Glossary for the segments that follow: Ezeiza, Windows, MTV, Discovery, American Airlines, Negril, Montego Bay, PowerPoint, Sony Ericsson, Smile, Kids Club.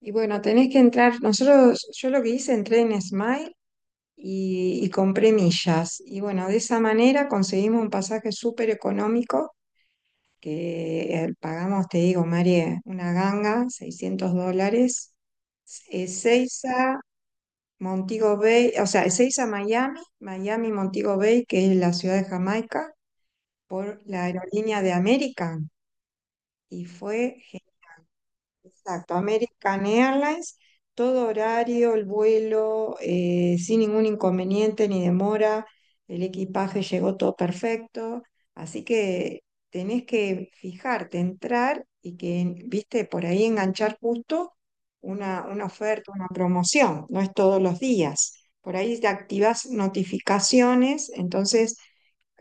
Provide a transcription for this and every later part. Y bueno, tenés que entrar, nosotros, yo lo que hice, entré en Smile y compré millas. Y bueno, de esa manera conseguimos un pasaje súper económico, que pagamos, te digo, María, una ganga, $600, Ezeiza, Montego Bay, o sea, Ezeiza, Miami, Miami, Montego Bay, que es la ciudad de Jamaica, por la aerolínea de American. Y fue. Exacto, American Airlines, todo horario, el vuelo, sin ningún inconveniente ni demora, el equipaje llegó todo perfecto, así que tenés que fijarte, entrar y que, viste, por ahí enganchar justo una oferta, una promoción, no es todos los días. Por ahí te activas notificaciones, entonces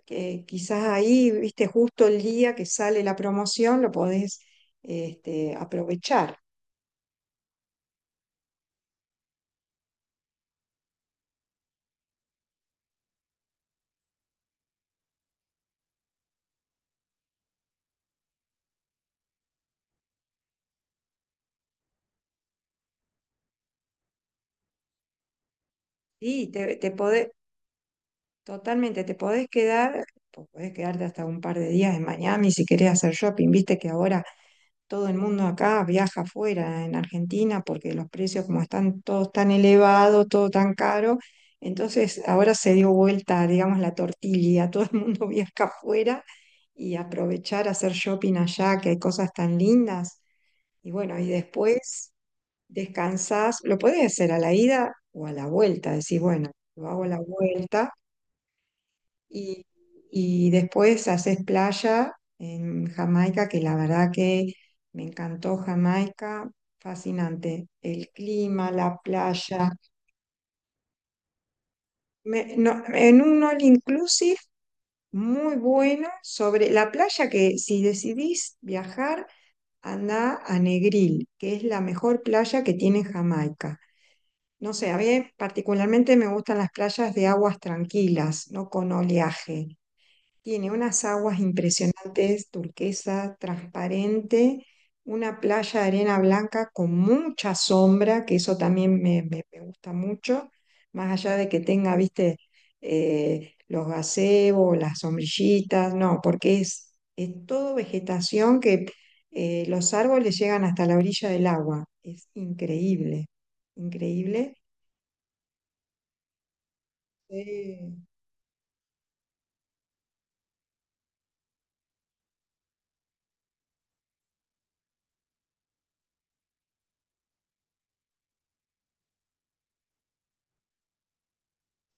que quizás ahí, viste, justo el día que sale la promoción lo podés aprovechar. Sí, te podés, totalmente, te podés quedar, podés quedarte hasta un par de días en Miami si querés hacer shopping. Viste que ahora todo el mundo acá viaja afuera en Argentina porque los precios como están todos tan elevados, todo tan caro. Entonces ahora se dio vuelta, digamos, la tortilla, todo el mundo viaja afuera y aprovechar hacer shopping allá, que hay cosas tan lindas. Y bueno, y después descansás, lo podés hacer a la ida o a la vuelta, decís, bueno, lo hago a la vuelta. Y, y después haces playa en Jamaica, que la verdad que me encantó Jamaica, fascinante. El clima, la playa. No, en un all inclusive muy bueno sobre la playa. Que si decidís viajar, anda a Negril, que es la mejor playa que tiene Jamaica. No sé, a mí particularmente me gustan las playas de aguas tranquilas, no con oleaje. Tiene unas aguas impresionantes, turquesa, transparente, una playa de arena blanca con mucha sombra, que eso también me gusta mucho, más allá de que tenga, viste, los gazebos, las sombrillitas, no, porque es todo vegetación que los árboles llegan hasta la orilla del agua. Es increíble, increíble. Sí.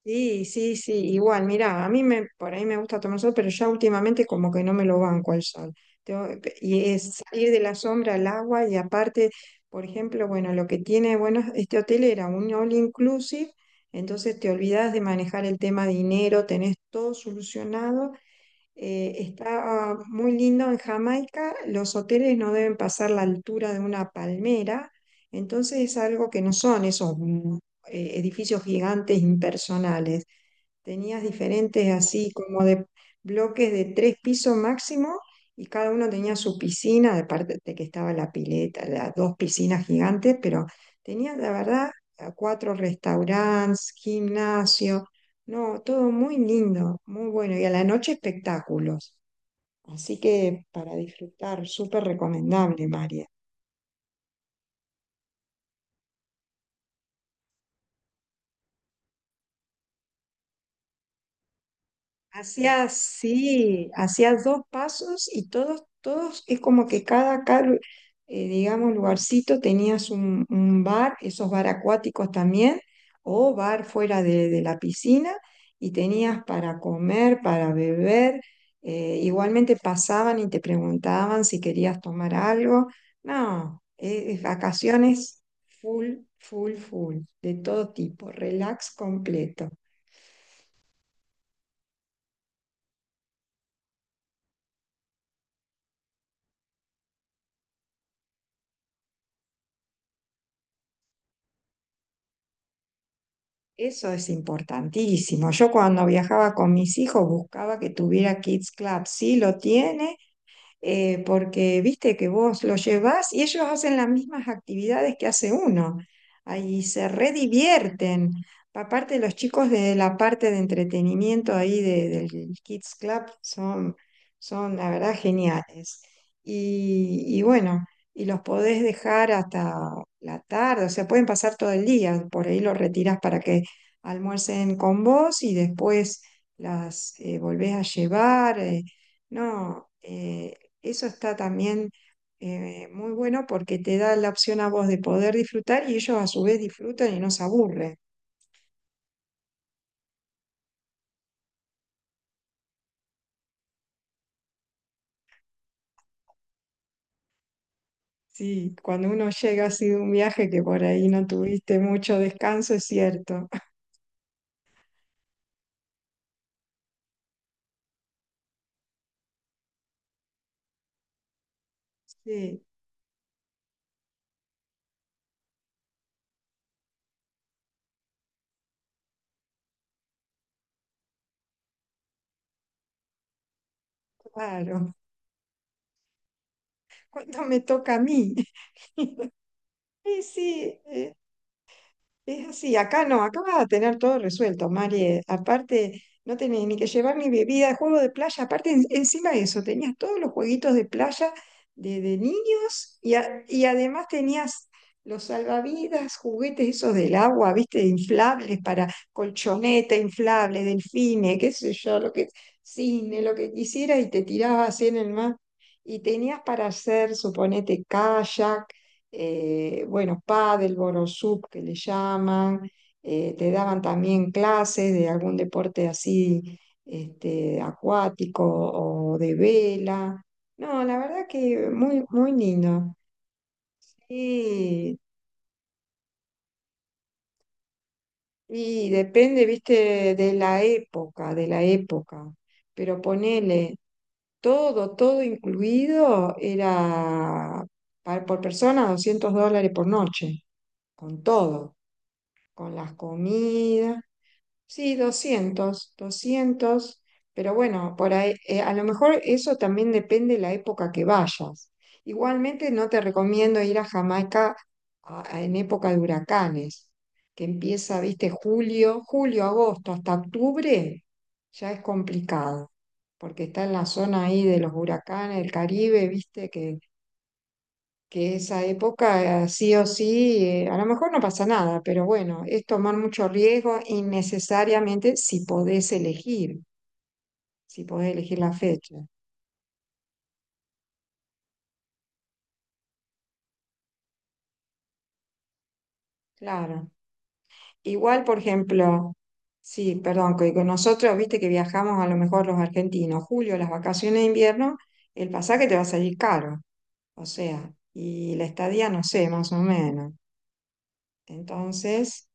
Sí, sí, sí, igual, mirá, a mí me, por ahí me gusta tomar sol, pero ya últimamente como que no me lo banco al sol. Tengo- y es salir de la sombra al agua y aparte, por ejemplo, bueno, lo que tiene, bueno, este hotel era un all inclusive, entonces te olvidas de manejar el tema dinero, tenés todo solucionado. Está muy lindo en Jamaica, los hoteles no deben pasar la altura de una palmera, entonces es algo que no son esos edificios gigantes impersonales. Tenías diferentes así como de bloques de tres pisos máximo y cada uno tenía su piscina, aparte de que estaba la pileta, las dos piscinas gigantes, pero tenía la verdad a cuatro restaurantes, gimnasio, no, todo muy lindo, muy bueno y a la noche espectáculos. Así que para disfrutar, súper recomendable, María. Hacía así, hacía dos pasos y todos, todos, es como que cada digamos, lugarcito tenías un bar, esos bar acuáticos también, o bar fuera de la piscina, y tenías para comer, para beber. Igualmente pasaban y te preguntaban si querías tomar algo. No, es vacaciones full, full, full, de todo tipo, relax completo. Eso es importantísimo. Yo cuando viajaba con mis hijos buscaba que tuviera Kids Club. Sí lo tiene, porque viste que vos lo llevas y ellos hacen las mismas actividades que hace uno. Ahí se redivierten. Aparte, los chicos de la parte de entretenimiento ahí del Kids Club son, la verdad, geniales. Y bueno, y los podés dejar hasta la tarde, o sea, pueden pasar todo el día. Por ahí los retirás para que almuercen con vos y después las volvés a llevar. No, Eso está también muy bueno porque te da la opción a vos de poder disfrutar y ellos a su vez disfrutan y no se aburren. Sí, cuando uno llega así de un viaje que por ahí no tuviste mucho descanso, es cierto. Sí, claro. Cuando me toca a mí. Sí, sí, es así, acá no, acá vas a tener todo resuelto, Mari. Aparte, no tenés ni que llevar ni bebida, juego de playa. Aparte, encima de eso, tenías todos los jueguitos de playa de niños y, y además tenías los salvavidas, juguetes esos del agua, viste, inflables para colchoneta, inflable, delfines, qué sé yo, lo que, cine, lo que quisieras y te tirabas así en el mar. Y tenías para hacer, suponete, kayak, bueno, pádel, borosub que le llaman, te daban también clases de algún deporte así acuático o de vela. No, la verdad que muy, muy lindo. Y, y depende, viste, de la época, de la época. Pero ponele todo, todo incluido, era por persona $200 por noche, con todo, con las comidas. Sí, 200, 200, pero bueno, por ahí, a lo mejor eso también depende de la época que vayas. Igualmente no te recomiendo ir a Jamaica en época de huracanes, que empieza, viste, julio, agosto, hasta octubre, ya es complicado, porque está en la zona ahí de los huracanes, del Caribe, viste, que esa época sí o sí, a lo mejor no pasa nada, pero bueno, es tomar mucho riesgo innecesariamente si podés elegir, si podés elegir la fecha, claro. Igual, por ejemplo, sí, perdón, que con nosotros, viste que viajamos a lo mejor los argentinos, julio, las vacaciones de invierno, el pasaje te va a salir caro, o sea, y la estadía, no sé, más o menos. Entonces,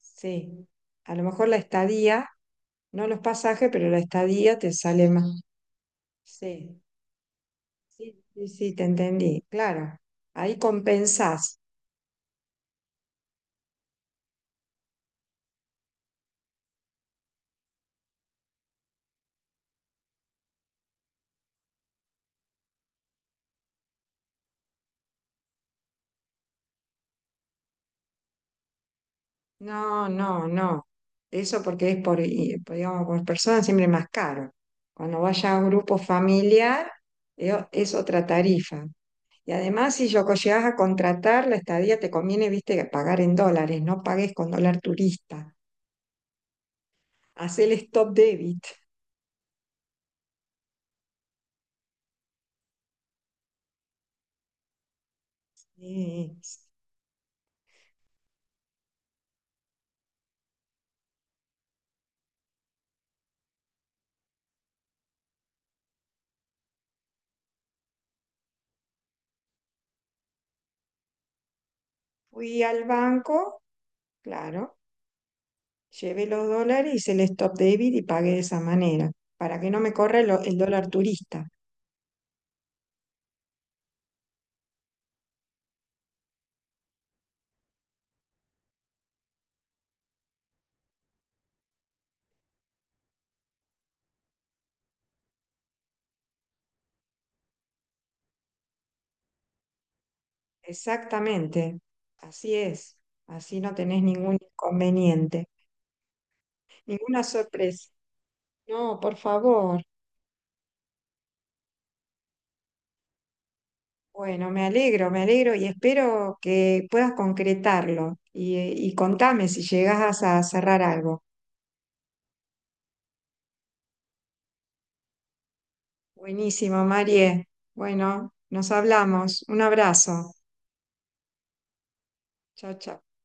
sí, a lo mejor la estadía... No los pasajes, pero la estadía te sale más. Sí, sí, sí, sí, te entendí, claro. Ahí compensás. No, no, no. Eso porque es por, por, digamos, por persona siempre más caro. Cuando vaya a un grupo familiar, es otra tarifa. Y además, si llegas a contratar la estadía, te conviene, viste, pagar en dólares, no pagues con dólar turista. Haz el stop debit. Sí. Fui al banco, claro. Llevé los dólares, hice el stop debit y pagué de esa manera, para que no me corra el dólar turista. Exactamente, así es, así no tenés ningún inconveniente, ninguna sorpresa. No, por favor. Bueno, me alegro y espero que puedas concretarlo y contame si llegas a cerrar algo. Buenísimo, Marie. Bueno, nos hablamos. Un abrazo. Chao, chao.